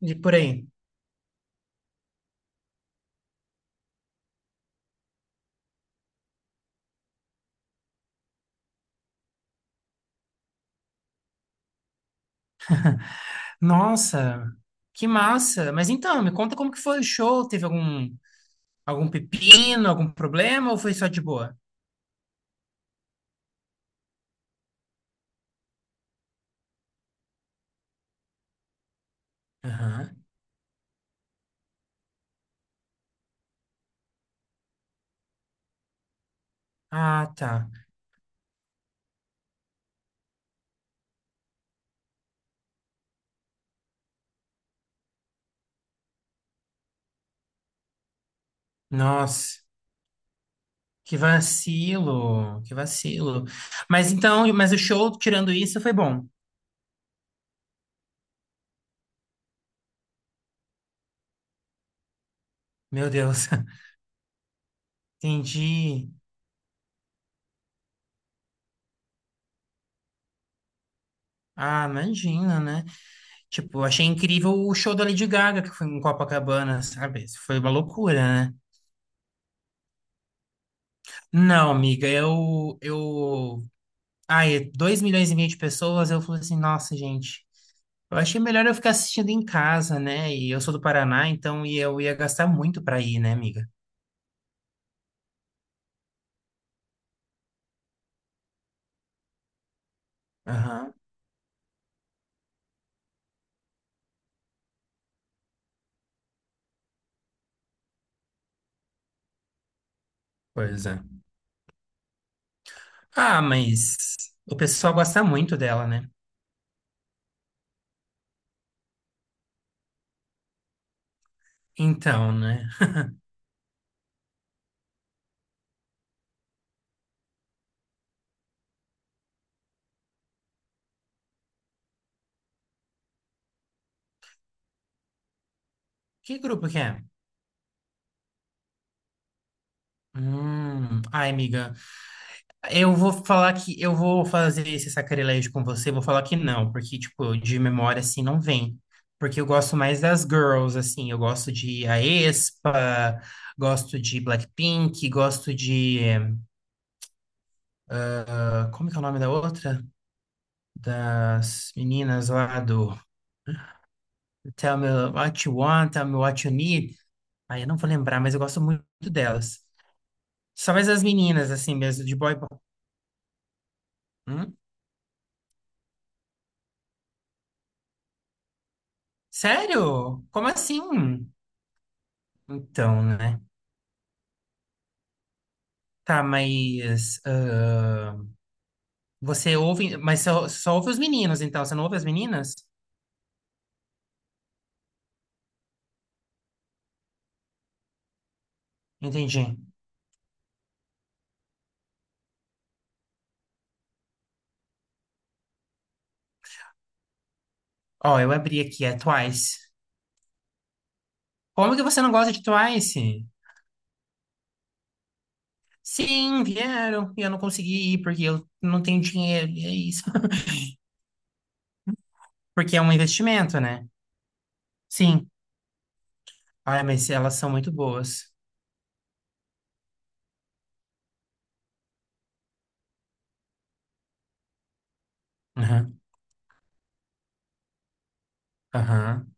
De por aí. Nossa, que massa! Mas então, me conta como que foi o show? Teve algum pepino, algum problema ou foi só de boa? Aham. Ah, tá. Nossa, que vacilo, que vacilo. Mas então, mas o show, tirando isso, foi bom. Meu Deus, entendi. Ah, imagina, né? Tipo, achei incrível o show da Lady Gaga, que foi em Copacabana, sabe? Isso foi uma loucura, né? Não, amiga, eu ai, 2,5 milhões de pessoas, eu falei assim, nossa, gente, eu achei melhor eu ficar assistindo em casa, né? E eu sou do Paraná, então e eu ia gastar muito pra ir, né, amiga? Aham, pois é. Ah, mas o pessoal gosta muito dela, né? Então, né? Que grupo que é? Ai, amiga, eu vou falar que eu vou fazer esse sacrilégio com você, vou falar que não, porque, tipo, de memória, assim, não vem. Porque eu gosto mais das girls, assim, eu gosto de aespa, gosto de Blackpink, gosto de... ah, como que é o nome da outra? Das meninas lá do Tell Me What You Want, Tell Me What You Need. Aí eu não vou lembrar, mas eu gosto muito delas. Só mais as meninas, assim, mesmo, de boy... Hum? Sério? Como assim? Então, né? Tá, mas ah, você ouve, mas só ouve os meninos, então você não ouve as meninas? Entendi. Ó, eu abri aqui, é Twice. Como que você não gosta de Twice? Sim, vieram e eu não consegui ir porque eu não tenho dinheiro, e é isso. Porque é um investimento, né? Sim. Ai, mas elas são muito boas. Aham, aham.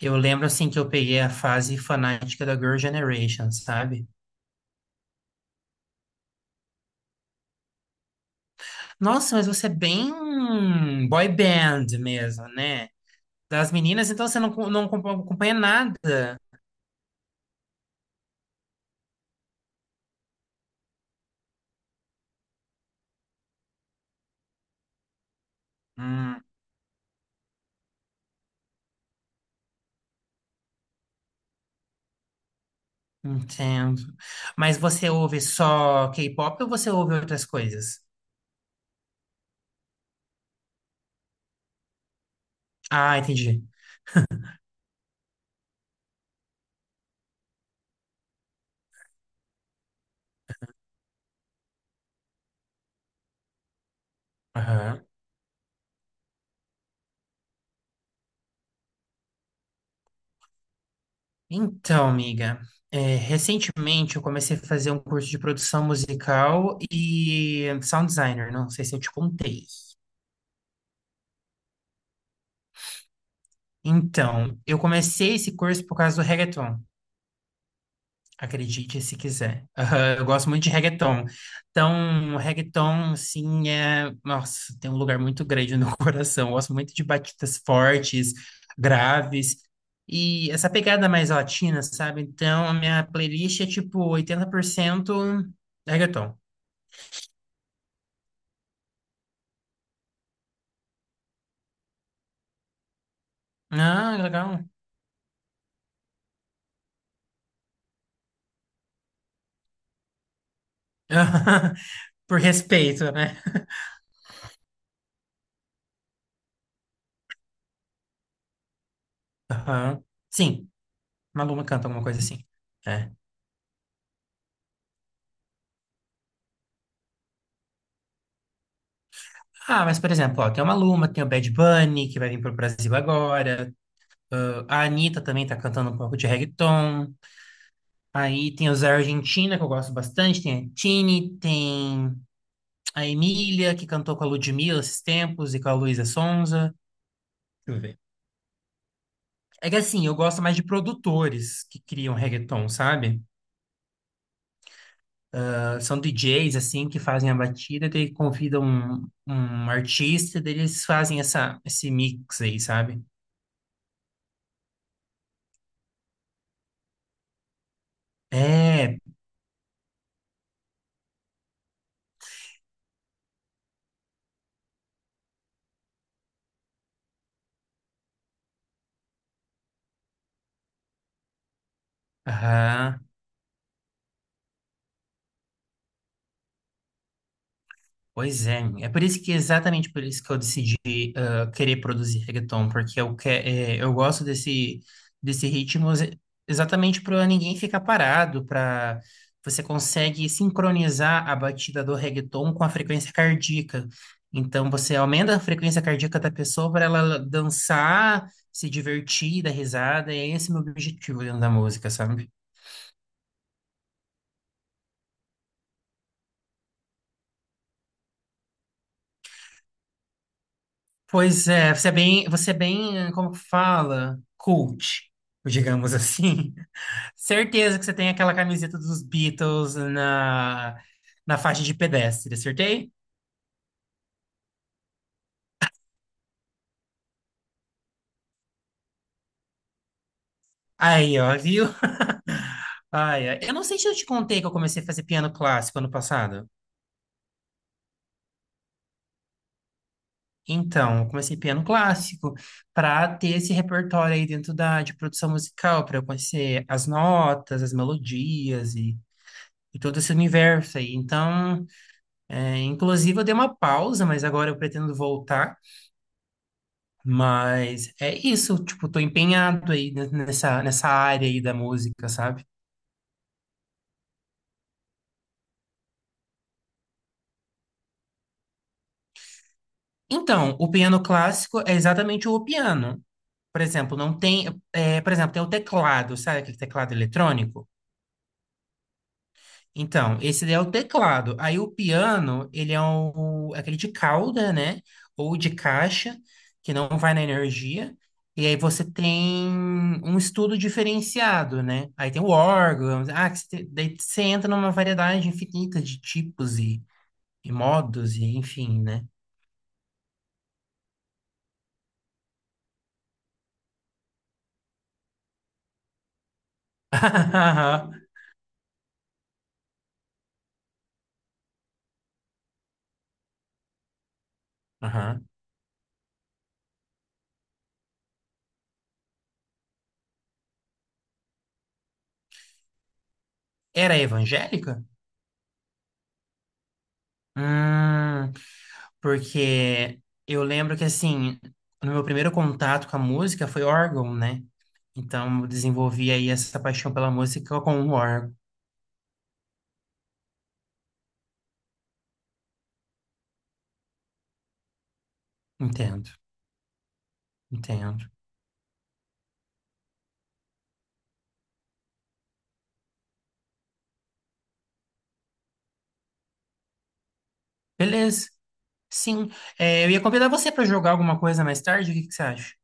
Eu lembro assim que eu peguei a fase fanática da Girl Generation, sabe? Nossa, mas você é bem boy band mesmo, né? Das meninas, então você não, não acompanha nada. Hum, entendo. Mas você ouve só K-pop ou você ouve outras coisas? Ah, entendi. Aham. Então, amiga, é, recentemente eu comecei a fazer um curso de produção musical e sound designer, não sei se eu te contei. Então, eu comecei esse curso por causa do reggaeton. Acredite se quiser. Aham, eu gosto muito de reggaeton. Então, reggaeton, assim, é... Nossa, tem um lugar muito grande no meu coração. Eu gosto muito de batidas fortes, graves. E essa pegada mais latina, sabe? Então, a minha playlist é, tipo, 80% reggaeton. Ah, legal. Por respeito, né? Aham. Sim, Maluma canta alguma coisa assim. É. Ah, mas, por exemplo, ó, tem o Maluma, tem o Bad Bunny, que vai vir pro Brasil agora. Ah, a Anitta também tá cantando um pouco de reggaeton. Aí tem os da Argentina, que eu gosto bastante. Tem a Tini, tem a Emília, que cantou com a Ludmilla esses tempos, e com a Luísa Sonza. Deixa eu ver. É que assim, eu gosto mais de produtores que criam reggaeton, sabe? Ah, são DJs, assim, que fazem a batida, daí convidam um artista, daí eles fazem esse mix aí, sabe? É, aham, pois é. É por isso que, exatamente por isso que eu decidi querer produzir reggaeton, porque eu, que, é, eu gosto desse ritmo exatamente para ninguém ficar parado, para você consegue sincronizar a batida do reggaeton com a frequência cardíaca. Então você aumenta a frequência cardíaca da pessoa para ela dançar, se divertir, dar risada, e esse é esse o meu objetivo dentro da música, sabe? Pois é, você é bem, como que fala, cult, digamos assim. Certeza que você tem aquela camiseta dos Beatles na faixa de pedestre, acertei? Aí, ó, viu? Ai, ai. Eu não sei se eu te contei que eu comecei a fazer piano clássico ano passado. Então, eu comecei piano clássico para ter esse repertório aí dentro de produção musical, para eu conhecer as notas, as melodias e todo esse universo aí. Então, é, inclusive, eu dei uma pausa, mas agora eu pretendo voltar. Mas é isso, tipo, tô empenhado aí nessa área aí da música, sabe? Então, o piano clássico é exatamente o piano. Por exemplo, não tem, é, por exemplo, tem o teclado, sabe aquele teclado eletrônico? Então, esse daí é o teclado. Aí o piano, ele é um, aquele de cauda, né? Ou de caixa, que não vai na energia. E aí você tem um estudo diferenciado, né? Aí tem o órgão. Ah, que você daí você entra numa variedade infinita de tipos e modos, e enfim, né? Aham. Era evangélica? Hum. Porque eu lembro que, assim, no meu primeiro contato com a música foi órgão, né? Então, eu desenvolvi aí essa paixão pela música com o órgão. Entendo, entendo. Beleza. Sim, é, eu ia convidar você para jogar alguma coisa mais tarde, o que que você acha?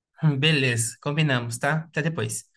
Beleza, combinamos, tá? Até depois.